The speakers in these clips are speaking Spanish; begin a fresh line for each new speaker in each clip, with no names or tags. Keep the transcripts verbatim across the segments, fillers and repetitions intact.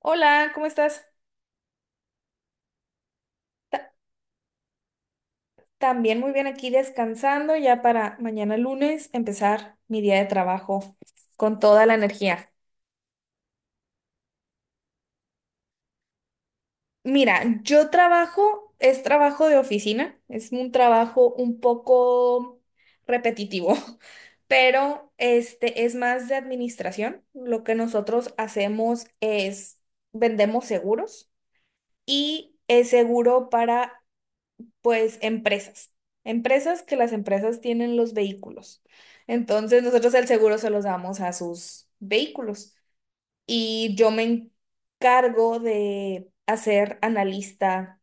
Hola, ¿cómo estás? También muy bien, aquí descansando ya para mañana lunes empezar mi día de trabajo con toda la energía. Mira, yo trabajo, es trabajo de oficina, es un trabajo un poco repetitivo, pero este es más de administración. Lo que nosotros hacemos es vendemos seguros y es seguro para pues empresas, empresas que, las empresas tienen los vehículos. Entonces nosotros el seguro se los damos a sus vehículos y yo me encargo de hacer analista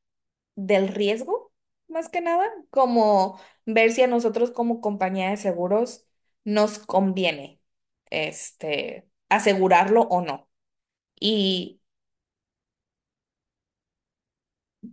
del riesgo, más que nada, como ver si a nosotros como compañía de seguros nos conviene este asegurarlo o no. Y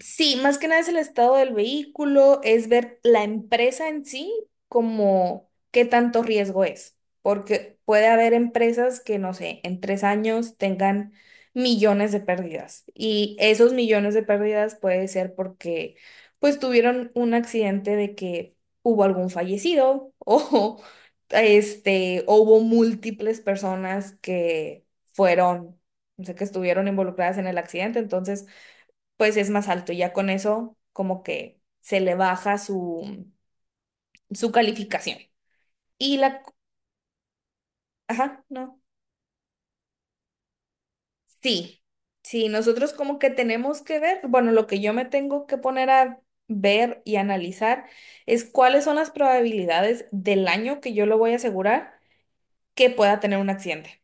sí, más que nada es el estado del vehículo, es ver la empresa en sí, como qué tanto riesgo es, porque puede haber empresas que, no sé, en tres años tengan millones de pérdidas, y esos millones de pérdidas puede ser porque pues tuvieron un accidente de que hubo algún fallecido o este, o hubo múltiples personas que fueron, o sea, que estuvieron involucradas en el accidente. Entonces pues es más alto. Y ya con eso, como que se le baja su, su calificación. Y la, ajá, no. Sí, sí, nosotros como que tenemos que ver, bueno, lo que yo me tengo que poner a ver y analizar es cuáles son las probabilidades del año que yo lo voy a asegurar que pueda tener un accidente.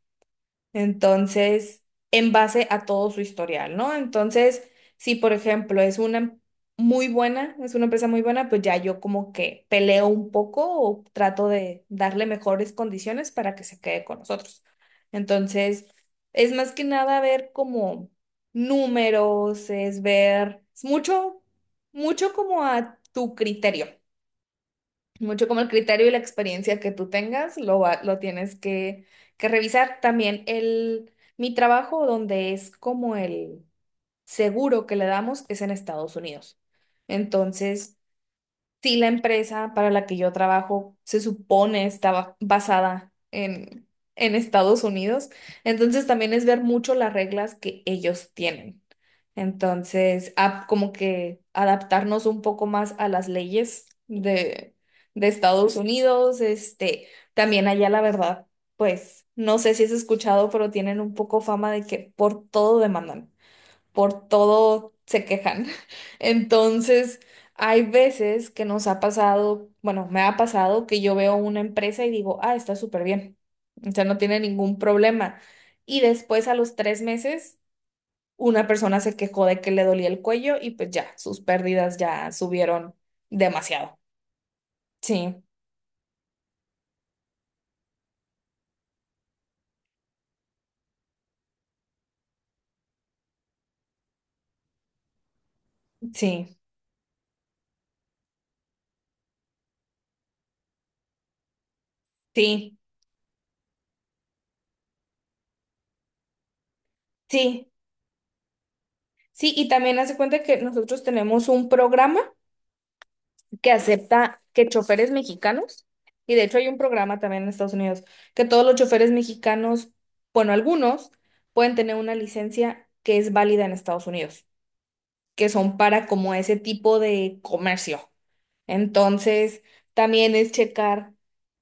Entonces, en base a todo su historial, ¿no? Entonces, si por ejemplo es una muy buena, es una empresa muy buena, pues ya yo como que peleo un poco o trato de darle mejores condiciones para que se quede con nosotros. Entonces, es más que nada ver como números, es ver, es mucho, mucho como a tu criterio. Mucho como el criterio y la experiencia que tú tengas, lo, va- lo tienes que, que revisar. También el, mi trabajo, donde es como el seguro que le damos, es en Estados Unidos. Entonces, sí, la empresa para la que yo trabajo se supone estaba basada en, en Estados Unidos, entonces también es ver mucho las reglas que ellos tienen. Entonces, a- como que adaptarnos un poco más a las leyes de, de Estados Unidos, este, también allá la verdad, pues no sé si has escuchado, pero tienen un poco fama de que por todo demandan, por todo se quejan. Entonces, hay veces que nos ha pasado, bueno, me ha pasado que yo veo una empresa y digo, ah, está súper bien, o sea, no tiene ningún problema. Y después a los tres meses, una persona se quejó de que le dolía el cuello y pues ya, sus pérdidas ya subieron demasiado. Sí, sí, sí, sí. Sí, y también hace cuenta que nosotros tenemos un programa que acepta que choferes mexicanos, y de hecho hay un programa también en Estados Unidos, que todos los choferes mexicanos, bueno, algunos pueden tener una licencia que es válida en Estados Unidos, que son para como ese tipo de comercio. Entonces, también es checar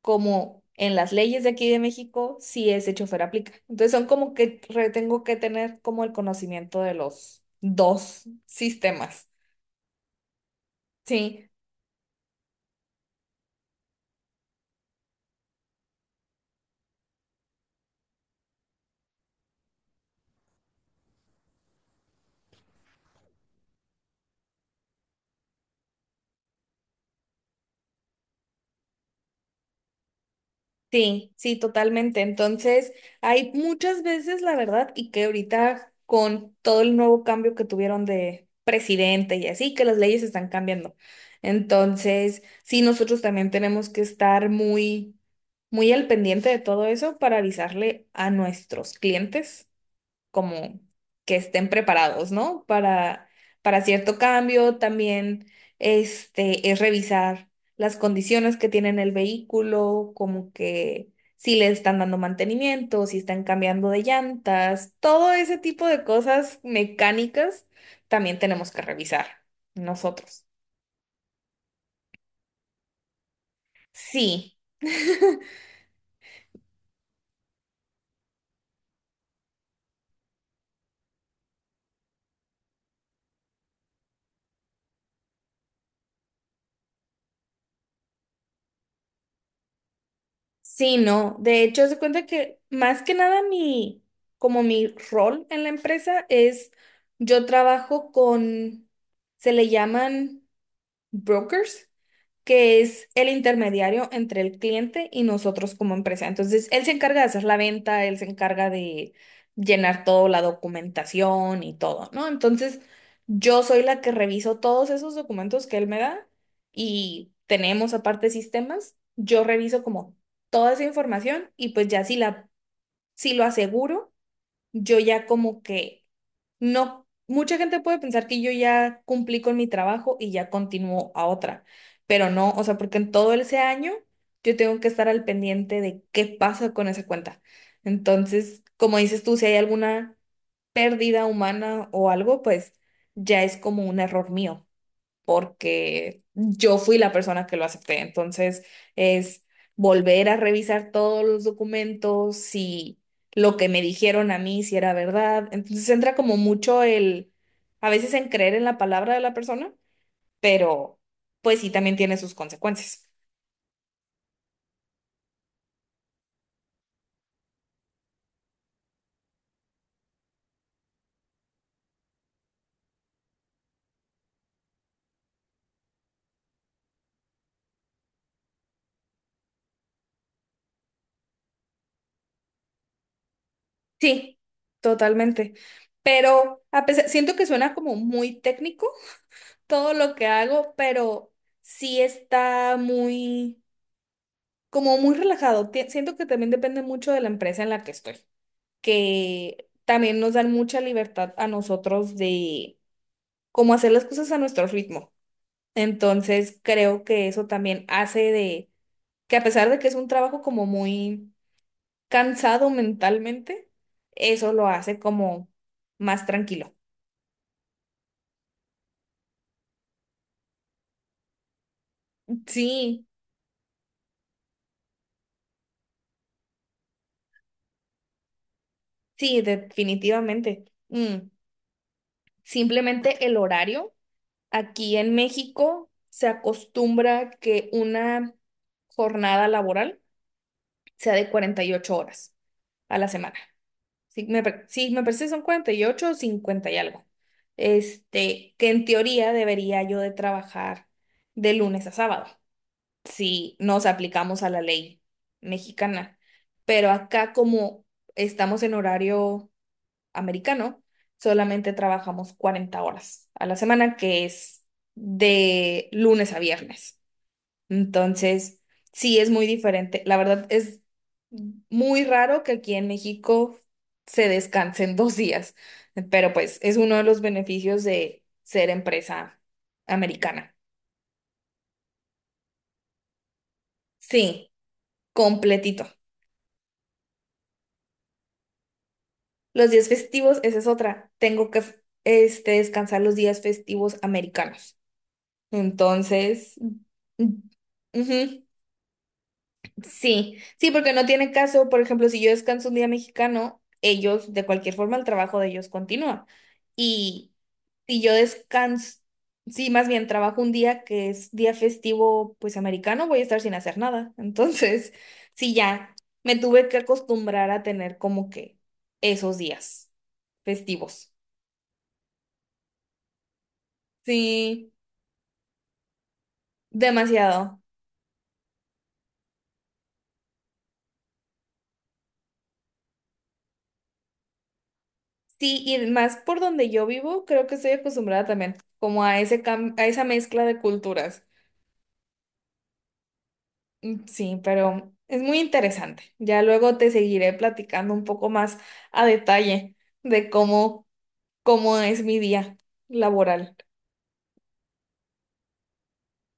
como en las leyes de aquí de México si ese chofer aplica. Entonces, son como que re- tengo que tener como el conocimiento de los dos sistemas. Sí, sí, sí, totalmente. Entonces, hay muchas veces, la verdad, y que ahorita con todo el nuevo cambio que tuvieron de presidente y así, que las leyes están cambiando. Entonces, sí, nosotros también tenemos que estar muy, muy al pendiente de todo eso para avisarle a nuestros clientes como que estén preparados, ¿no? Para, para cierto cambio, también este, es revisar las condiciones que tienen el vehículo, como que si le están dando mantenimiento, si están cambiando de llantas, todo ese tipo de cosas mecánicas también tenemos que revisar nosotros. Sí. Sí, no. De hecho, se cuenta que más que nada mi, como mi rol en la empresa es, yo trabajo con, se le llaman brokers, que es el intermediario entre el cliente y nosotros como empresa. Entonces, él se encarga de hacer la venta, él se encarga de llenar toda la documentación y todo, ¿no? Entonces, yo soy la que reviso todos esos documentos que él me da, y tenemos aparte sistemas, yo reviso como toda esa información y pues ya si la, si lo aseguro yo ya como que no, mucha gente puede pensar que yo ya cumplí con mi trabajo y ya continúo a otra, pero no, o sea, porque en todo ese año yo tengo que estar al pendiente de qué pasa con esa cuenta. Entonces, como dices tú, si hay alguna pérdida humana o algo, pues ya es como un error mío porque yo fui la persona que lo acepté. Entonces es volver a revisar todos los documentos, si lo que me dijeron a mí si era verdad. Entonces entra como mucho el, a veces, en creer en la palabra de la persona, pero pues sí también tiene sus consecuencias. Sí, totalmente. Pero a pesar, siento que suena como muy técnico todo lo que hago, pero sí está muy como muy relajado. Tie- Siento que también depende mucho de la empresa en la que estoy, que también nos dan mucha libertad a nosotros de cómo hacer las cosas a nuestro ritmo. Entonces, creo que eso también hace de que a pesar de que es un trabajo como muy cansado mentalmente, eso lo hace como más tranquilo. Sí, sí, definitivamente. Mm, simplemente el horario. Aquí en México se acostumbra que una jornada laboral sea de cuarenta y ocho horas a la semana. Sí, me, par- sí, me parece que son cuarenta y ocho o cincuenta y algo. Este, que en teoría debería yo de trabajar de lunes a sábado, si nos aplicamos a la ley mexicana. Pero acá como estamos en horario americano, solamente trabajamos cuarenta horas a la semana, que es de lunes a viernes. Entonces, sí es muy diferente. La verdad es muy raro que aquí en México se descansen dos días, pero pues es uno de los beneficios de ser empresa americana. Sí, completito. Los días festivos, esa es otra. Tengo que este, descansar los días festivos americanos. Entonces, mm, ujú, sí, sí, porque no tiene caso, por ejemplo, si yo descanso un día mexicano, ellos, de cualquier forma, el trabajo de ellos continúa. Y si yo descanso, sí, más bien trabajo un día que es día festivo, pues americano, voy a estar sin hacer nada. Entonces, sí, ya me tuve que acostumbrar a tener como que esos días festivos. Sí, demasiado. Sí, y más por donde yo vivo, creo que estoy acostumbrada también como a ese cam- a esa mezcla de culturas. Mm, sí, pero es muy interesante. Ya luego te seguiré platicando un poco más a detalle de cómo, cómo es mi día laboral.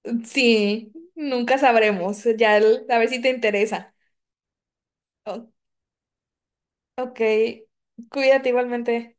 Mm, sí, nunca sabremos. Ya el- a ver si te interesa. O- ok, cuídate igualmente.